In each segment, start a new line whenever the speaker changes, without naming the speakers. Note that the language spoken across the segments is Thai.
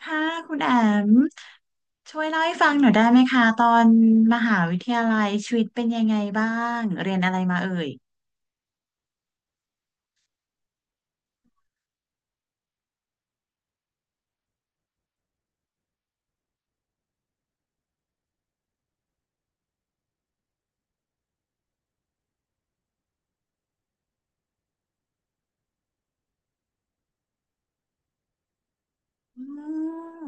ค่ะคุณแอมช่วยเล่าให้ฟังหน่อยได้ไหมคะตอนมหาวิทยาลัยชีวิตเป็นยังไงบ้างเรียนอะไรมาเอ่ยอืม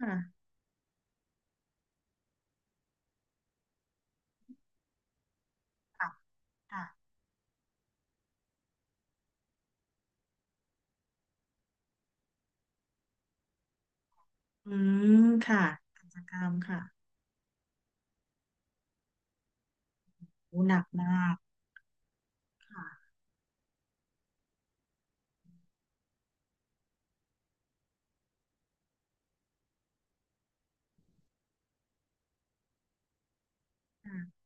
ค่ะค่ะค่ะอืมค่ะกิจกรรมค่ะอู้หนักมากค่ะ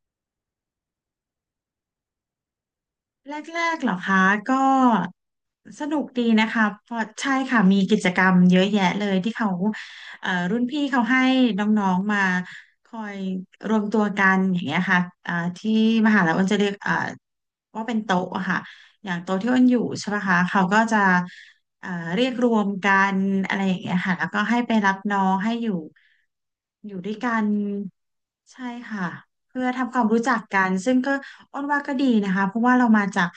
แรกๆเหรอคะก็สนุกดีนะคะเพราะใช่ค่ะมีกิจกรรมเยอะแยะเลยที่เขารุ่นพี่เขาให้น้องๆมาคอยรวมตัวกันอย่างเงี้ยค่ะที่มหาลัยอ้นจะเรียกว่าเป็นโต๊ะอะค่ะอย่างโต๊ะที่อ้นอยู่ใช่ไหมคะเขาก็จะเรียกรวมกันอะไรอย่างเงี้ยค่ะแล้วก็ให้ไปรับน้องให้อยู่ด้วยกันใช่ค่ะ เพื่อทำความรู้จักกันซึ่งก็อ้นว่าก็ดีนะคะเพราะว่าเรามาจาก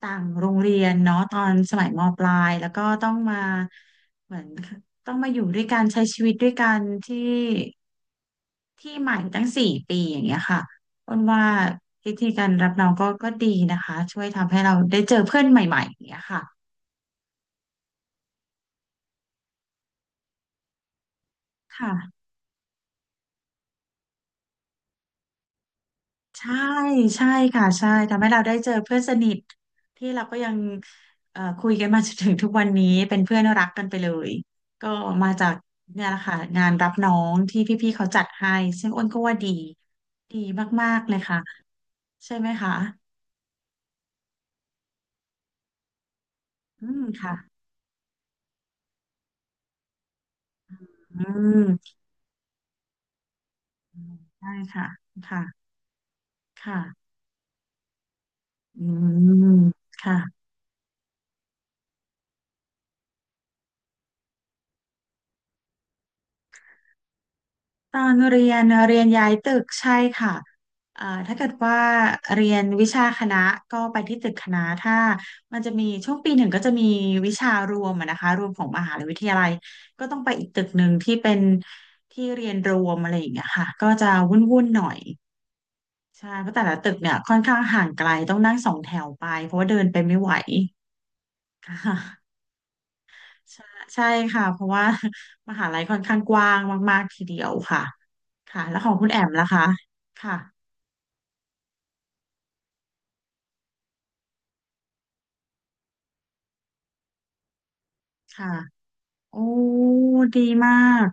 ต่างโรงเรียนเนาะตอนสมัยมปลายแล้วก็ต้องมาเหมือนต้องมาอยู่ด้วยกันใช้ชีวิตด้วยกันที่ที่ใหม่ตั้งสี่ปีอย่างเงี้ยค่ะอ้นว่าวิธีการรับน้องก็ดีนะคะช่วยทำให้เราได้เจอเพื่อนใหม่ๆอย่างเงี้ยค่ะค่ะ ใช่ใช่ค่ะใช่ทำให้เราได้เจอเพื่อนสนิทที่เราก็ยังคุยกันมาจนถึงทุกวันนี้เป็นเพื่อนรักกันไปเลยก็มาจากเนี่ยแหละค่ะงานรับน้องที่พี่ๆเขาจัดให้ซึ่งอ้นก็ว่าดีดีมากๆเลยค่ะใช่ไหมคะอืมค่ะอืมได้ค่ะค่ะค่ะอืมค่ะ ตอนเรียนเรียนย้ายตึกใช่ค่ะถ้าเกิดว่าเรียนวิชาคณะก็ไปที่ตึกคณะถ้ามันจะมีช่วงปีหนึ่งก็จะมีวิชารวมอะนะคะรวมของมหาวิทยาลัยก็ต้องไปอีกตึกหนึ่งที่เป็นที่เรียนรวมอะไรอย่างเงี้ยค่ะก็จะวุ่นๆหน่อยใช่เพราะแต่ละตึกเนี่ยค่อนข้างห่างไกลต้องนั่งสองแถวไปเพราะว่าเดินไปไม่ไหวค่ะ ใช่ใช่ค่ะเพราะว่า มหาลัยค่อนข้างกว้างมากๆทีเดียวค่ะค่ะแล้วของคุณแอมล่ะคะค่ะค่ะโอ้ดีมาก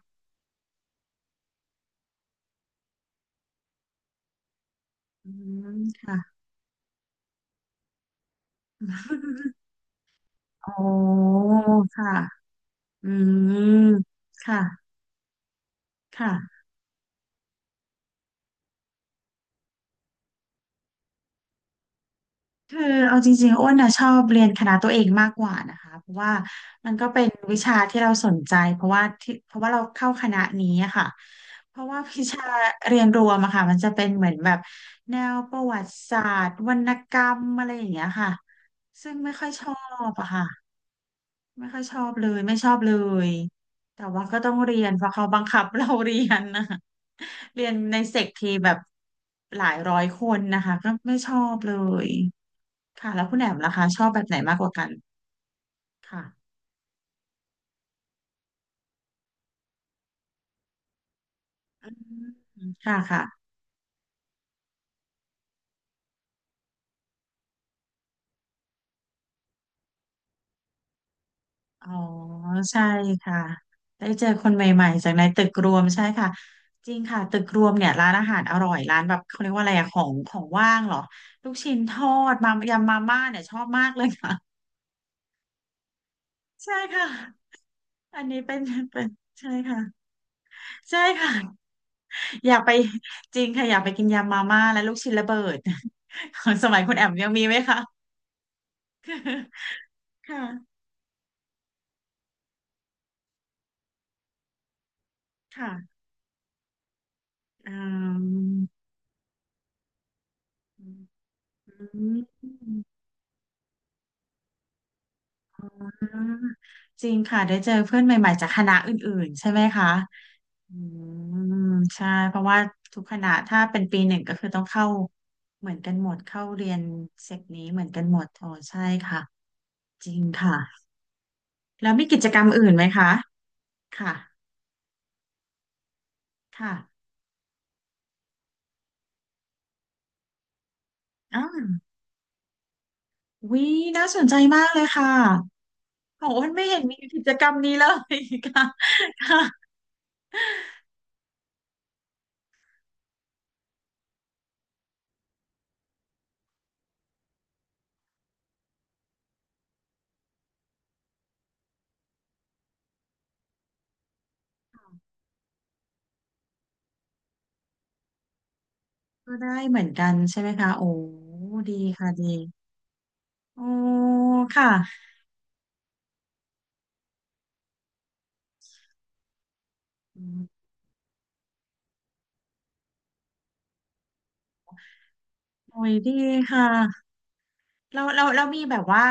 อืมค่ะ โอ้ค่ะอืมค่ะค่ะ คือเอาจริงๆอ้วนนะชอบเรียนคณะตัวเองมากกว่านะคะเพราะว่ามันก็เป็นวิชาที่เราสนใจเพราะว่าเราเข้าคณะนี้อะค่ะเพราะว่าวิชาเรียนรวมอะค่ะมันจะเป็นเหมือนแบบแนวประวัติศาสตร์วรรณกรรมอะไรอย่างเงี้ยค่ะซึ่งไม่ค่อยชอบอะค่ะ ไม่ค่อยชอบเลยไม่ชอบเลยแต่ว่าก็ต้องเรียนเพราะเขาบังคับเราเรียนนะ เรียนในเซกทีแบบหลายร้อยคนนะคะก็ไม่ชอบเลยค่ะแล้วคุณแอมล่ะคะชอบแบบไหนมากกว่ากันค่ะอืมค่ะค่ะอ๋อใช่ค่ะได้เจอคนใหม่ๆจากในตึกรวมใช่ค่ะจริงค่ะตึกรวมเนี่ยร้านอาหารอร่อยร้านแบบเขาเรียกว่าอะไรอะของของว่างเหรอลูกชิ้นทอดมายำมาม่าเนี่ยชอบมากเลยค่ะ ใช่ค่ะ อันนี้เป็น เป็นใช่ค่ะใช่ค่ะอยากไปจริงค่ะอยากไปกินยำมาม่าและลูกชิ้นระเบิด ของสมัยคุณแอมยังมีไหมคะคือค่ะค่ะอืมอืมอืมจริงค่ะได้เจอเพื่อนใหม่ๆจากคณะอื่นๆใช่ไหมคะอืมใช่เพราะว่าทุกคณะถ้าเป็นปีหนึ่งก็คือต้องเข้าเหมือนกันหมดเข้าเรียนเซกนี้เหมือนกันหมดอ๋อใช่ค่ะจริงค่ะแล้วมีกิจกรรมอื่นไหมคะ ค่ะค่ะอ้าววิน่าสนใจมากเลยค่ะโอ้โหมันไม่เห็นมีกิจกรรมนี้เลยค่ะ ค่ะก็ได้เหมือนกันใช่ไหมคะโอ้ดีค่ะดีโอ้ค่ะอืมโอ้ยดีค่ะเราเราเรามีแบบว่า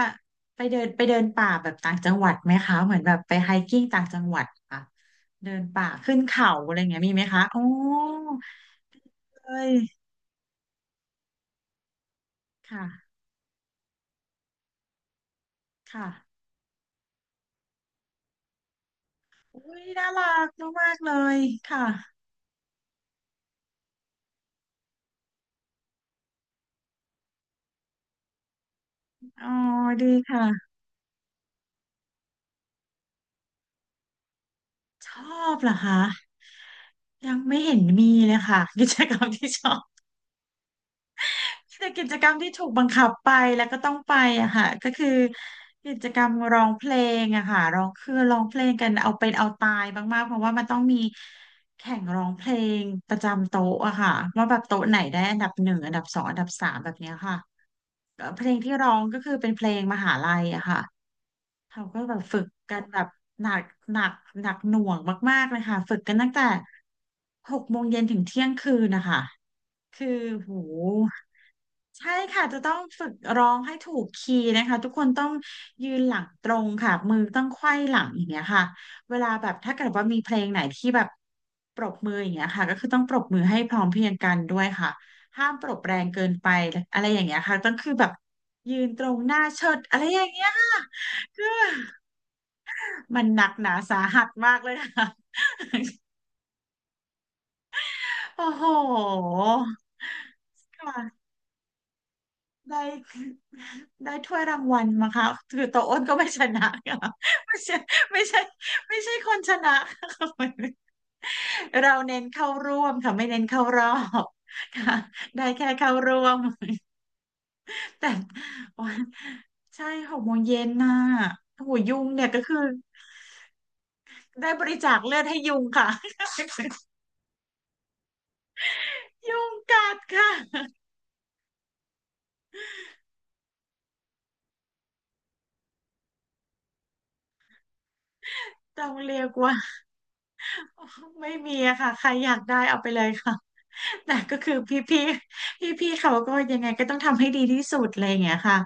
ไปเดินไปเดินป่าแบบต่างจังหวัดไหมคะเหมือนแบบไปไฮกิ้งต่างจังหวัดค่ะเดินป่าขึ้นเขาอะไรอย่างเงี้ยมีไหมคะโอ้เลยค่ะค่ะอุ้ยน่ารักมากๆเลยค่ะ อ๋อดีค่ะชอบเหรอคะยังไม่เห็นมีเลยค่ะ กิจกรรมที่ชอบแต่กิจกรรมที่ถูกบังคับไปแล้วก็ต้องไปอะค่ะก็คือกิจกรรมร้องเพลงอะค่ะร้องคือร้องเพลงกันเอาเป็นเอาตายมากๆเพราะว่ามันต้องมีแข่งร้องเพลงประจำโต๊ะอะค่ะว่าแบบโต๊ะไหนได้อันดับหนึ่งอันดับสองอันดับสามแบบเนี้ยค่ะเพลงที่ร้องก็คือเป็นเพลงมหาลัยอะค่ะ เขาก็แบบฝึกกันแบบหนักหนักหนักหน่วงมากๆเลยค่ะฝึกกันตั้งแต่หกโมงเย็นถึงเที่ยงคืนนะคะคือโหใช่ค่ะจะต้องฝึกร้องให้ถูกคีย์นะคะทุกคนต้องยืนหลังตรงค่ะมือต้องไขว้หลังอย่างเงี้ยค่ะเวลาแบบถ้าเกิดว่ามีเพลงไหนที่แบบปรบมืออย่างเงี้ยค่ะก็คือต้องปรบมือให้พร้อมเพรียงกันด้วยค่ะห้ามปรบแรงเกินไปอะไรอย่างเงี้ยค่ะต้องคือแบบยืนตรงหน้าเชิดอะไรอย่างเงี้ยค่ะ มันหนักหนาสาหัสมากเลยค่ะโอ้โหค่ะได้ได้ถ้วยรางวัลมาค่ะคือโตวอ้นก็ไม่ชนะค่ะไม่ใช่ไม่ใช่ไม่ใช่คนชนะค่ะเราเน้นเข้าร่วมค่ะไม่เน้นเข้ารอบค่ะได้แค่เข้าร่วมแต่โอ้ยใช่หกโมงเย็นน่ะโอ้โหยุงเนี่ยก็คือได้บริจาคเลือดให้ยุงค่ะยุงกัดค่ะต้องเรียกว่า ไม่มีอะค่ะใครอยากได้เอาไปเลยค่ะ แต่ก็คือพี่ๆเขาก็ยังไงก็ต้องทำให้ดีที่สุดอะไรอย่างเงี้ยค่ะ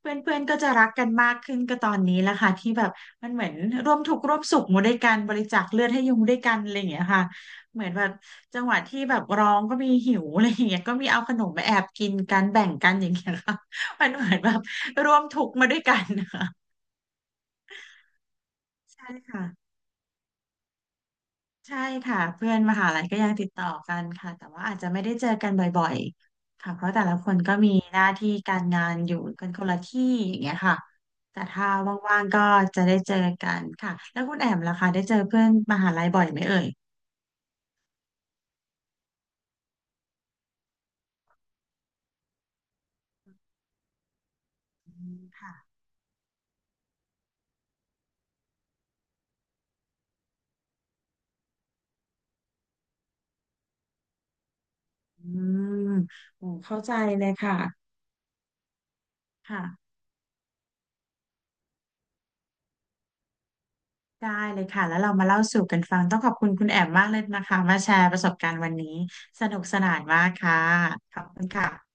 เพื่อนเพื่อนก็จะรักกันมากขึ้นก็ตอนนี้แหละค่ะที่แบบมันเหมือนร่วมทุกข์ร่วมสุขมาด้วยกันบริจาคเลือดให้ยุงด้วยกันอะไรอย่างเงี้ยค่ะเหมือนแบบจังหวะที่แบบร้องก็มีหิวอะไรอย่างเงี้ยก็มีเอาขนมมาแอบกินกันแบ่งกันอย่างเงี้ยค่ะ มันเหมือนแบบร่วมทุกข์มาด้วยกันนะคะใช่ค่ะ ใช่ค่ะเพื่อนมหาลัยก็ยังติดต่อกันค่ะแต่ว่าอาจจะไม่ได้เจอกันบ่อยๆค่ะเพราะแต่ละคนก็มีหน้าที่การงานอยู่กันคนละที่อย่างเงี้ยค่ะแต่ถ้าว่างๆก็จะได้เจอกันค่ะแล้วคุณแอมล่ะคะได้เจอเพื่อนมหาลัยบ่อยไหมเอ่ยอืมค่ะอืมโอ้เข้าใจเลยค่ะค่ะได้เลยค่ะแล้วเรามาเล่าสู่กันฟังต้องขอบคุณคุณแอมมากเลยนะคะมาแชร์ประสบการณ์วันนี้สนุกสนานมากค่ะขอบคุณค่ะ